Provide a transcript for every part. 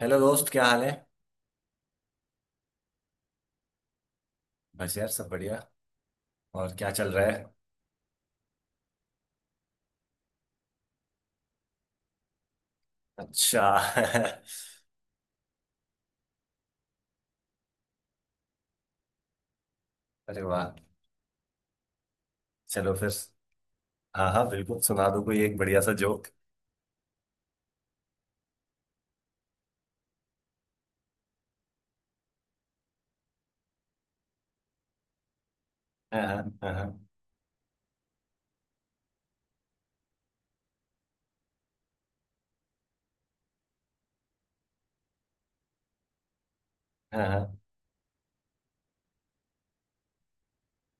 Hello दोस्त, क्या हाल है। बस यार, सब बढ़िया। और क्या चल रहा है। अच्छा। अरे वाह। चलो फिर। हाँ हाँ, बिल्कुल सुना दो कोई एक बढ़िया सा जोक। हाँ। हाँ। हाँ। हाँ।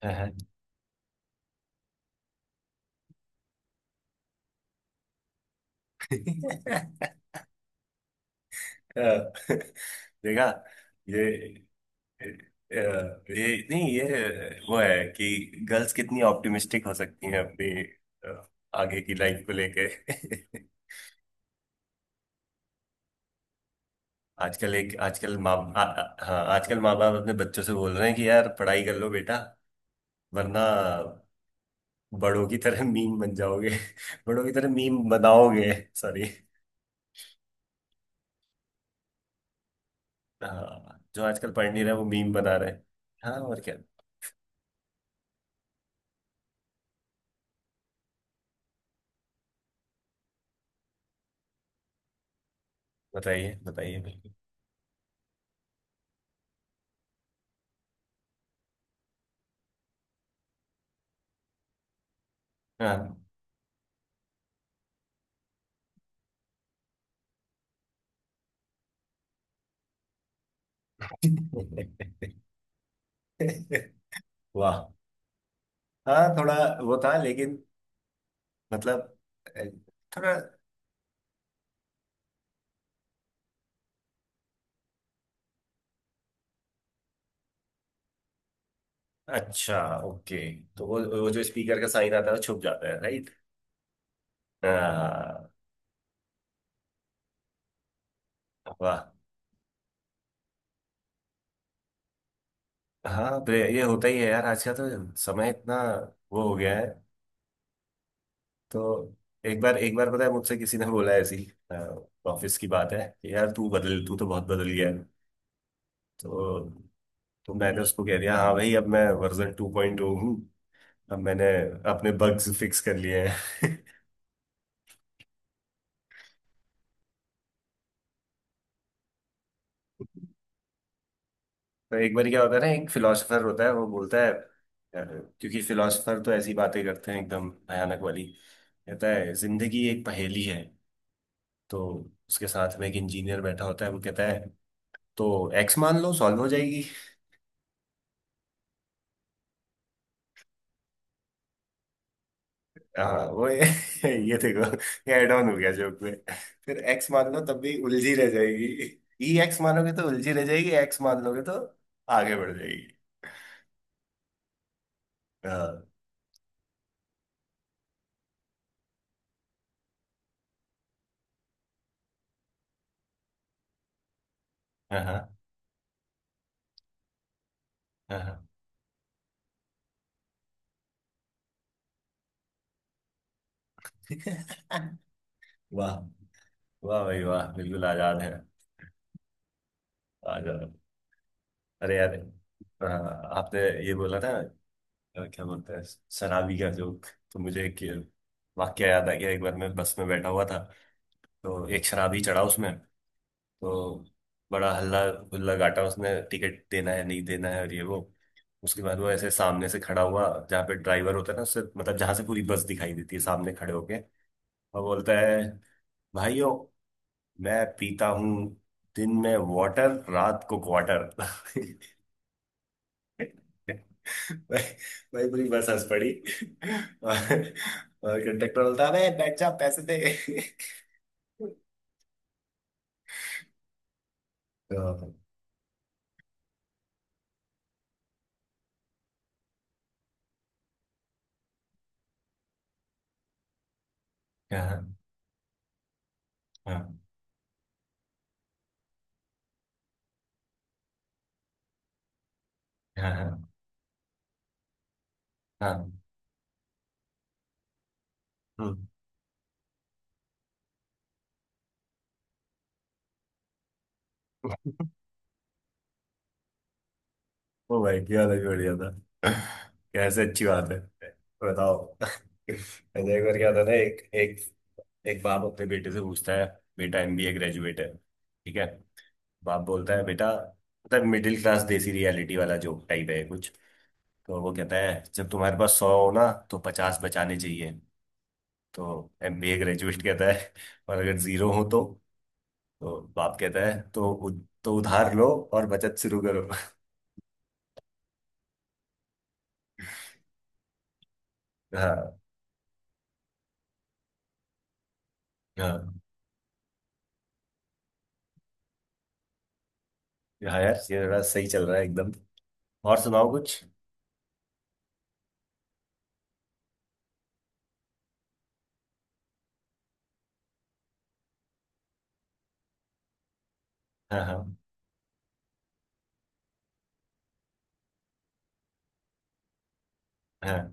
हाँ। हाँ। अ, देखा। ये अ, ये नहीं, ये वो है कि गर्ल्स कितनी ऑप्टिमिस्टिक हो सकती हैं अपनी अ, आगे की लाइफ को लेके। आजकल माँ आ- आ- हाँ आजकल माँ बाप अपने बच्चों से बोल रहे हैं कि यार पढ़ाई कर लो बेटा वरना बड़ों की तरह मीम बन जाओगे। बड़ों की तरह मीम बनाओगे। सॉरी। हाँ, जो आजकल पढ़ नहीं रहे वो मीम बना रहे हैं। हाँ, और क्या। बताइए बताइए, बिल्कुल। हाँ। वाह। हाँ, थोड़ा वो था, लेकिन मतलब अ, थोड़ा। अच्छा, ओके। तो वो जो स्पीकर का साइन आता है वो छुप जाता है, राइट। हाँ। वाह। हाँ। तो ये होता ही है यार, आज का तो समय इतना वो हो गया है। तो एक बार एक बार, पता है, मुझसे किसी ने बोला, ऐसी ऑफिस की बात है कि यार, तू तो बहुत बदल गया है। तो तो मैंने उसको कह दिया, हाँ भाई अब मैं वर्जन 2.0 हूँ। अब मैंने अपने बग्स फिक्स कर लिए हैं। तो एक बार क्या होता है ना, एक फिलोसफर होता है, वो बोलता है, क्योंकि फिलोसफर तो ऐसी बातें करते हैं एकदम भयानक वाली। कहता है, जिंदगी एक पहेली है। तो उसके साथ में एक इंजीनियर बैठा होता है, वो कहता है, तो एक्स मान लो, सॉल्व हो जाएगी। हाँ वो ये ये देखो, ये एड ऑन हो गया जोक में। फिर एक्स मान लो तब भी उलझी रह जाएगी। ई एक्स मानोगे तो उलझी रह जाएगी, एक्स मान लोगे तो आगे बढ़ जाएगी। हाँ। हाँ। हाँ। हाँ। वाह, वाह भाई वाह, बिल्कुल आजाद है, आजाद। अरे यार। हाँ, आपने ये बोला था, क्या बोलते हैं, शराबी का जोक। तो मुझे एक वाक्य याद आ गया। एक बार मैं बस में बैठा हुआ था, तो एक शराबी चढ़ा उसमें। तो बड़ा हल्ला गुल्ला गाटा, उसने टिकट देना है नहीं देना है और ये वो। उसके बाद वो ऐसे सामने से खड़ा हुआ, जहाँ पे ड्राइवर होता है ना उससे, मतलब जहाँ से पूरी बस दिखाई देती है सामने खड़े होके, और बोलता है, भाइयों, मैं पीता हूँ दिन में वाटर, रात को क्वार्टर। भाई, भाई पूरी बस हंस पड़ी। और, और कंडक्टर बोलता है, अबे बैठ जा, पैसे दे। तो, हाँ। हाँ। हाँ। हाँ। हाँ। हाँ। हम्म। वो भाई क्या अलग ही बढ़िया था। कैसे अच्छी बात है, तो बताओ। ऐसे एक बार क्या होता था ना, एक एक एक बाप अपने बेटे से पूछता है। बेटा एमबीए ग्रेजुएट है, ठीक है। बाप बोलता है, बेटा, मतलब मिडिल क्लास देसी रियलिटी वाला जोक टाइप है कुछ। तो वो कहता है, जब तुम्हारे पास 100 हो ना तो 50 बचाने चाहिए। तो एमबीए ग्रेजुएट कहता है, और अगर 0 हो तो? तो बाप कहता है, तो उधार लो और बचत शुरू करो। हाँ हाँ। हाँ यार, ये थोड़ा सही चल रहा है एकदम। और सुनाओ कुछ। हाँ। हाँ। हाँ।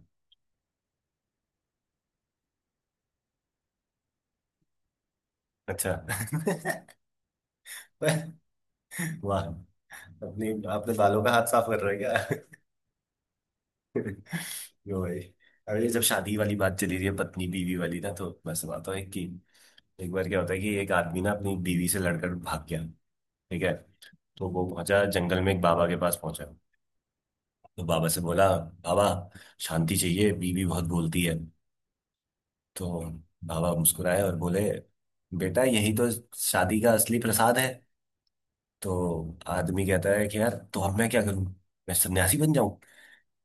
अच्छा। वाह, अपने अपने बालों का हाथ साफ कर रहे हो। क्या? यो भाई। अरे जब शादी वाली बात चली रही है, पत्नी बीवी वाली ना, तो मैं सुनाता हूँ एक कि, एक बार क्या होता है कि एक आदमी ना अपनी बीवी से लड़कर भाग गया, ठीक है। तो वो पहुंचा जंगल में, एक बाबा के पास पहुंचा। तो बाबा से बोला, बाबा शांति चाहिए, बीवी बहुत बोलती है। तो बाबा मुस्कुराए और बोले, बेटा यही तो शादी का असली प्रसाद है। तो आदमी कहता है कि यार तो अब मैं क्या करूं, मैं सन्यासी बन जाऊं?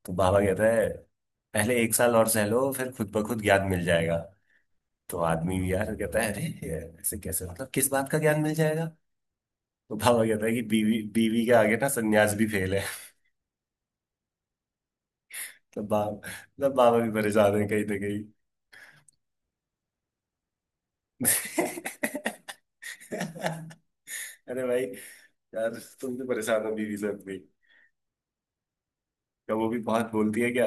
तो बाबा कहता है, पहले एक साल और सह लो, फिर खुद ब खुद ज्ञान मिल जाएगा। तो आदमी भी यार कहता है, अरे ये ऐसे कैसे, मतलब किस बात का ज्ञान मिल जाएगा? तो बाबा कहता है कि बीवी बीवी के आगे ना सन्यास भी फेल है। तो बाबा, मतलब बाबा भी परेशान है कहीं ना कहीं। अरे भाई, यार तुम भी परेशान हो बीवी से अपनी। क्या वो भी बहुत बोलती है क्या?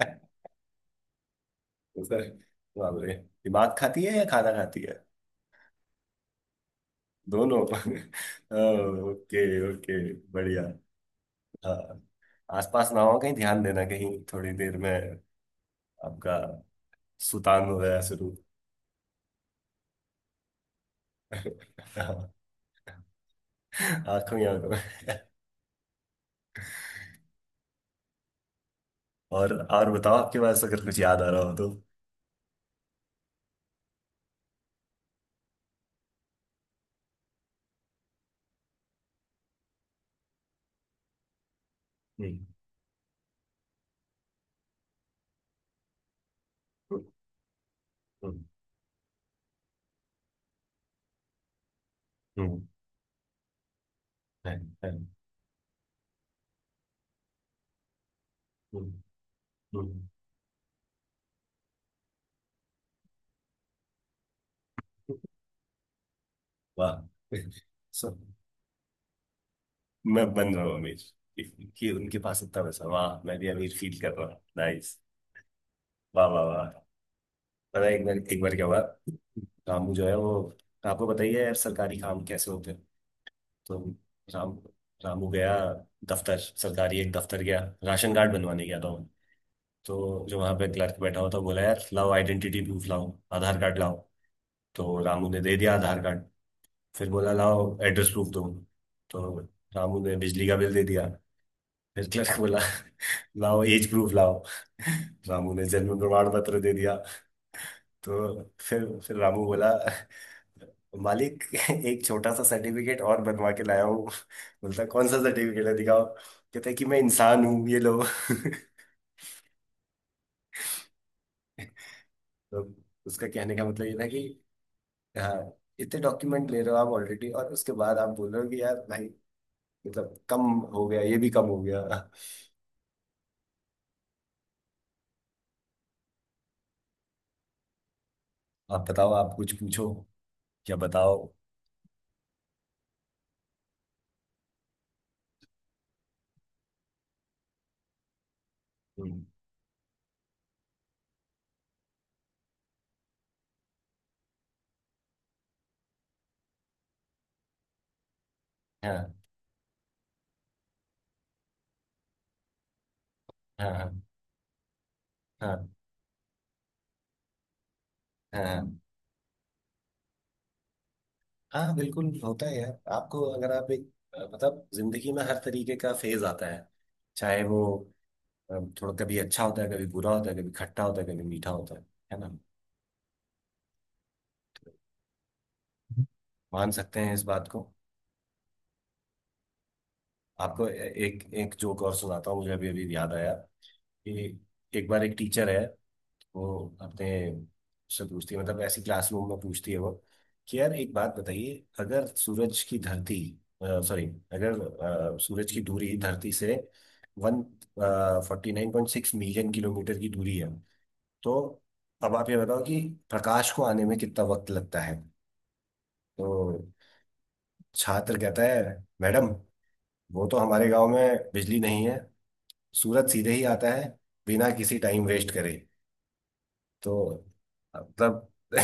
सर, बाप रे, दिमाग खाती है या खाना खाती है? दोनों। ओके ओके, बढ़िया। हाँ, आसपास ना हो कहीं, ध्यान देना कहीं थोड़ी देर में आपका सुतान हो गया शुरू। आंखों ही आंखों में। और बताओ, आपके पास अगर कुछ याद आ रहा हो तो। हम्म। हम्म। हम्म। हम्म। हम्म। हम्म। हम्म। वाह। सो मैं बन रहा हूँ अमीर, कि कि उनके पास इतना पैसा, वाह, मैं भी अमीर फील कर रहा हूँ, नाइस। वाह वाह वाह। पता है, एक बार क्या हुआ, रामू जो है वो, आपको बताइए यार सरकारी काम कैसे होते हैं। तो राम रामू गया दफ्तर, सरकारी एक दफ्तर गया, राशन कार्ड बनवाने गया था वो। तो जो वहां पे क्लर्क बैठा हुआ था, बोला, यार लाओ, आइडेंटिटी प्रूफ लाओ, आधार कार्ड लाओ। तो रामू ने दे दिया आधार कार्ड। फिर बोला, लाओ एड्रेस प्रूफ दो। तो रामू ने बिजली का बिल दे दिया। फिर क्लर्क बोला, लाओ एज प्रूफ लाओ। रामू ने जन्म प्रमाण पत्र दे दिया। तो फिर रामू बोला, मालिक, एक छोटा सा सर्टिफिकेट और बनवा के लाया हूँ। बोलता, कौन सा सर्टिफिकेट है, दिखाओ। कहता है कि मैं इंसान हूँ, ये लो। तो उसका कहने का मतलब ये था कि, हाँ, इतने डॉक्यूमेंट ले रहे हो आप ऑलरेडी, और उसके बाद आप बोल रहे हो कि यार भाई, मतलब कम हो गया ये भी कम हो गया। आप बताओ, आप कुछ पूछो। क्या बताओ। हम्म। हाँ। हाँ। हाँ। हाँ। हाँ। हाँ। हाँ बिल्कुल होता है यार, आपको अगर मतलब जिंदगी में हर तरीके का फेज आता है, चाहे वो अ, थोड़ा, कभी अच्छा होता है, कभी बुरा होता है, कभी खट्टा होता है, कभी मीठा होता है ना। मान सकते हैं इस बात को। आपको ए- एक एक जोक और सुनाता हूँ, मुझे अभी अभी याद आया कि एक बार एक टीचर है, वो अपने से पूछती है, मतलब ऐसी क्लासरूम में पूछती है वो, कि यार एक बात बताइए, अगर सूरज की धरती सॉरी अगर अ, सूरज की दूरी धरती से 149.6 मिलियन किलोमीटर की दूरी है, तो अब आप ये बताओ कि प्रकाश को आने में कितना वक्त लगता है। तो छात्र कहता है, मैडम वो तो हमारे गांव में बिजली नहीं है, सूरज सीधे ही आता है बिना किसी टाइम वेस्ट करे। तो मतलब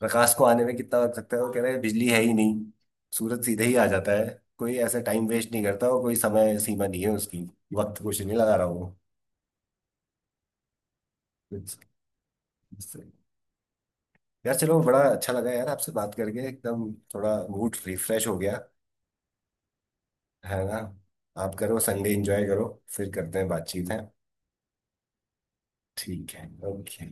प्रकाश को आने में कितना वक्त लगता है, वो कह रहे हैं बिजली है ही नहीं, सूरज सीधे ही आ जाता है, कोई ऐसे टाइम वेस्ट नहीं करता, और कोई समय सीमा नहीं है उसकी, वक्त कुछ नहीं लगा रहा वो। It's- यार चलो, बड़ा अच्छा लगा यार आपसे बात करके, एकदम थोड़ा मूड रिफ्रेश हो गया, है ना। आप करो, संडे एंजॉय करो। फिर करते हैं बातचीत, है। ठीक है, ओके।